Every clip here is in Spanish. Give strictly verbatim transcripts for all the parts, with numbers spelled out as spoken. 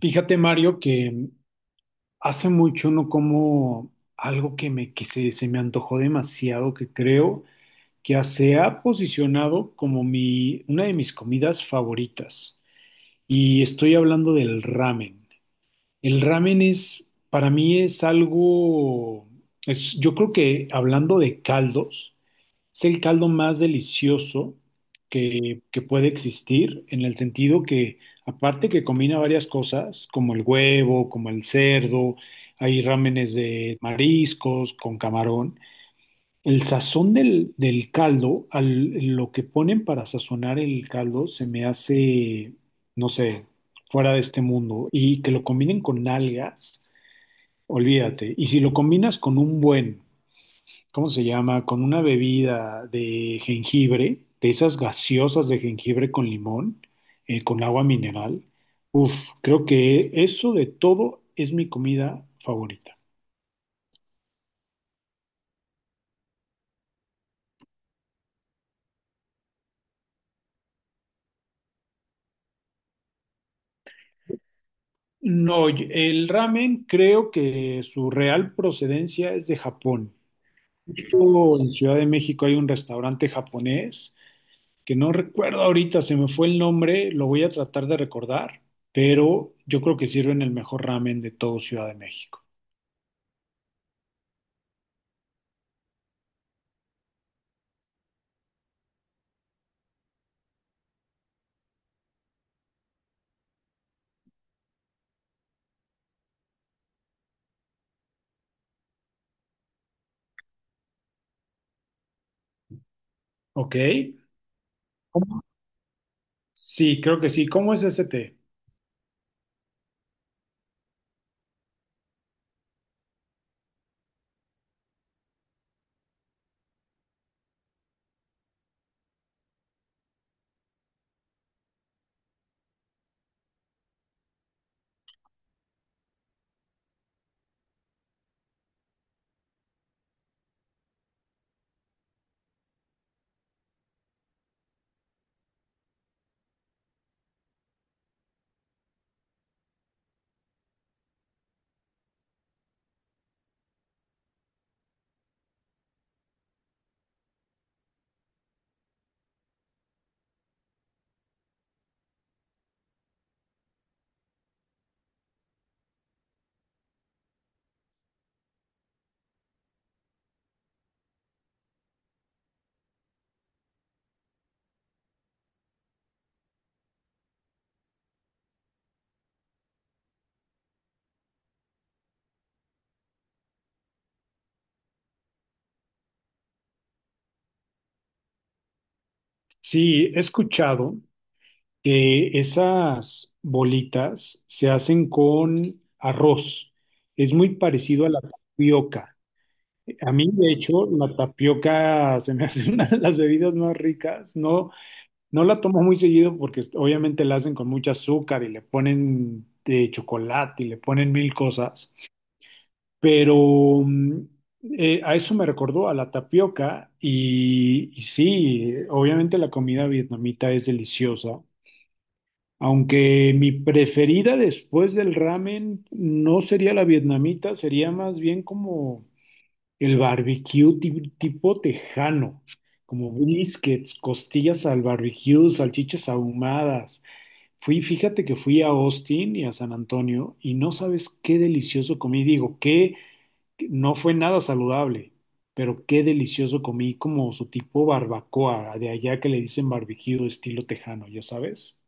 Fíjate, Mario, que hace mucho no como algo que me que se, se me antojó demasiado, que creo que ya se ha posicionado como mi, una de mis comidas favoritas. Y estoy hablando del ramen. El ramen es, para mí es algo, es, yo creo que hablando de caldos. Es el caldo más delicioso que, que puede existir, en el sentido que, aparte que combina varias cosas, como el huevo, como el cerdo, hay rámenes de mariscos con camarón. El sazón del, del caldo, al- lo que ponen para sazonar el caldo, se me hace, no sé, fuera de este mundo. Y que lo combinen con algas, olvídate. Y si lo combinas con un buen, ¿cómo se llama? Con una bebida de jengibre, de esas gaseosas de jengibre con limón, eh, con agua mineral. Uf, creo que eso de todo es mi comida favorita. No, oye, el ramen creo que su real procedencia es de Japón. Justo en Ciudad de México hay un restaurante japonés que no recuerdo ahorita, se me fue el nombre, lo voy a tratar de recordar, pero yo creo que sirven el mejor ramen de todo Ciudad de México. ¿Ok? Sí, creo que sí. ¿Cómo es ese té? Sí, he escuchado que esas bolitas se hacen con arroz. Es muy parecido a la tapioca. A mí, de hecho, la tapioca se me hace una de las bebidas más ricas. No, no la tomo muy seguido porque obviamente la hacen con mucho azúcar y le ponen de chocolate y le ponen mil cosas. Pero mm, eh, a eso me recordó a la tapioca y, y sí, obviamente la comida vietnamita es deliciosa, aunque mi preferida después del ramen no sería la vietnamita, sería más bien como el barbecue ti- tipo tejano, como briskets, costillas al barbecue, salchichas ahumadas. Fui, fíjate que fui a Austin y a San Antonio y no sabes qué delicioso comí, digo, qué no fue nada saludable, pero qué delicioso comí como su tipo barbacoa, de allá que le dicen barbecue estilo tejano, ya sabes.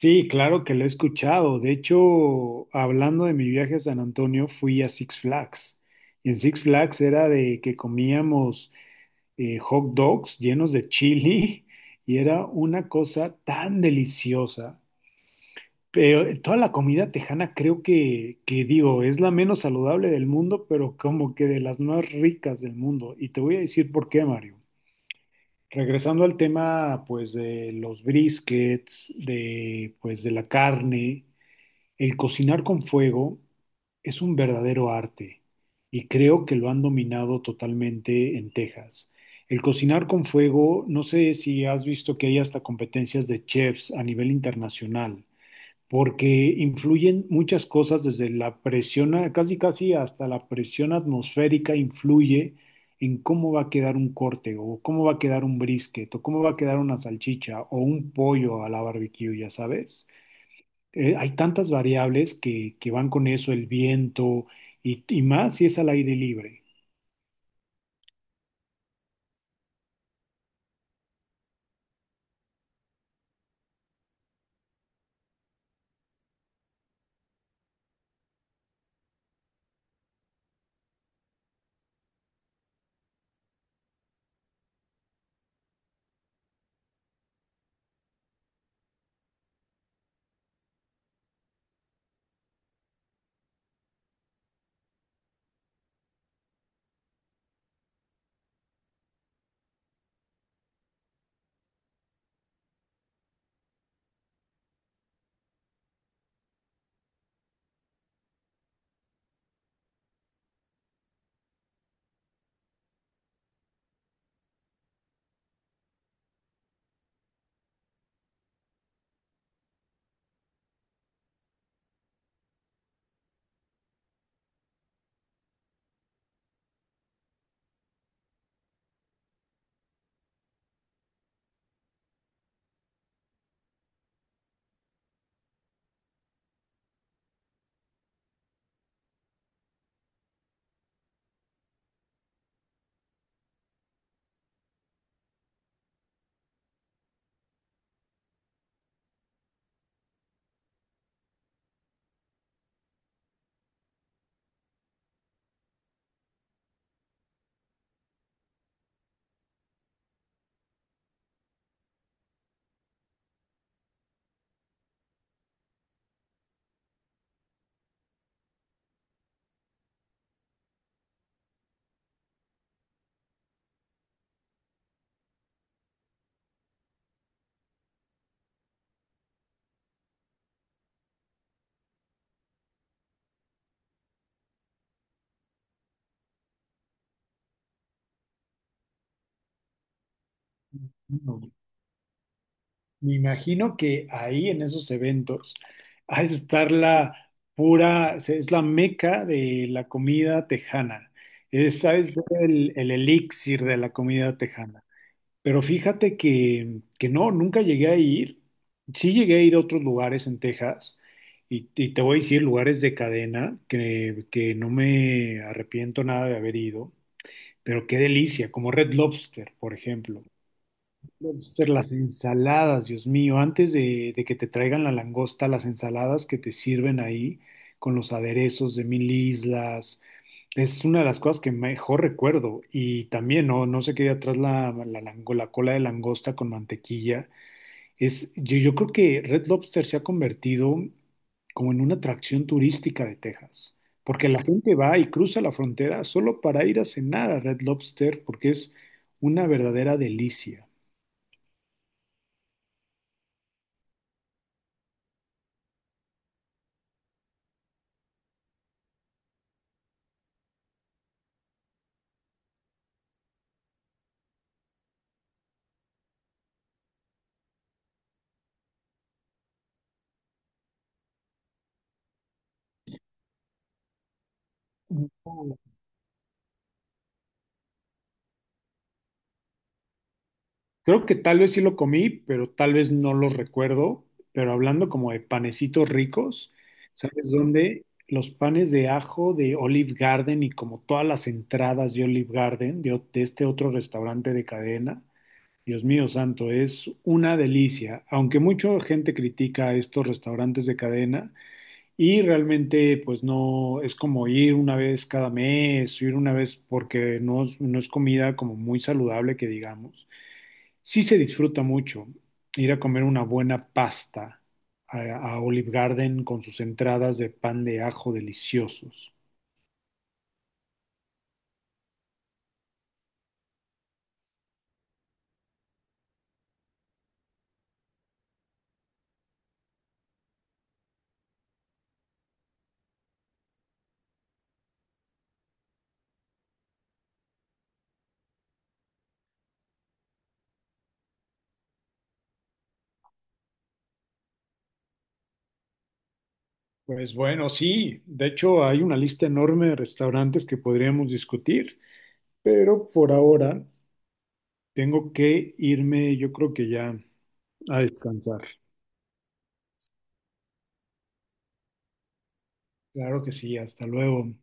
Sí, claro que lo he escuchado. De hecho, hablando de mi viaje a San Antonio, fui a Six Flags. Y en Six Flags era de que comíamos eh, hot dogs llenos de chili y era una cosa tan deliciosa. Pero eh, toda la comida tejana creo que, que digo, es la menos saludable del mundo, pero como que de las más ricas del mundo. Y te voy a decir por qué, Mario. Regresando al tema, pues, de los briskets, de, pues, de la carne, el cocinar con fuego es un verdadero arte y creo que lo han dominado totalmente en Texas. El cocinar con fuego, no sé si has visto que hay hasta competencias de chefs a nivel internacional porque influyen muchas cosas desde la presión, a- casi casi hasta la presión atmosférica influye en cómo va a quedar un corte o cómo va a quedar un brisket o cómo va a quedar una salchicha o un pollo a la barbecue, ya sabes. Eh, hay tantas variables que, que van con eso, el viento y, y más si es al aire libre. Me imagino que ahí en esos eventos al estar la pura, o sea, es la meca de la comida tejana. Esa es el, el elixir de la comida tejana. Pero fíjate que, que no, nunca llegué a ir. Sí llegué a ir a otros lugares en Texas y, y te voy a decir lugares de cadena que, que no me arrepiento nada de haber ido, pero qué delicia, como Red Lobster, por ejemplo. Lobster, las ensaladas, Dios mío, antes de, de que te traigan la langosta, las ensaladas que te sirven ahí con los aderezos de mil islas, es una de las cosas que mejor recuerdo. Y también, no, no se quede atrás la, la, lango- la cola de langosta con mantequilla. Es, yo, yo creo que Red Lobster se ha convertido como en una atracción turística de Texas, porque la gente va y cruza la frontera solo para ir a cenar a Red Lobster, porque es una verdadera delicia. No. Creo que tal vez sí lo comí, pero tal vez no lo recuerdo. Pero hablando como de panecitos ricos, ¿sabes dónde? Los panes de ajo de Olive Garden y como todas las entradas de Olive Garden, de, o- de este otro restaurante de cadena. Dios mío santo, es una delicia. Aunque mucha gente critica estos restaurantes de cadena y realmente pues no es como ir una vez cada mes, ir una vez porque no es- no es comida como muy saludable que digamos. Sí se disfruta mucho ir a comer una buena pasta a, a Olive Garden con sus entradas de pan de ajo deliciosos. Pues bueno, sí, de hecho hay una lista enorme de restaurantes que podríamos discutir, pero por ahora tengo que irme, yo creo que ya a descansar. Claro que sí, hasta luego.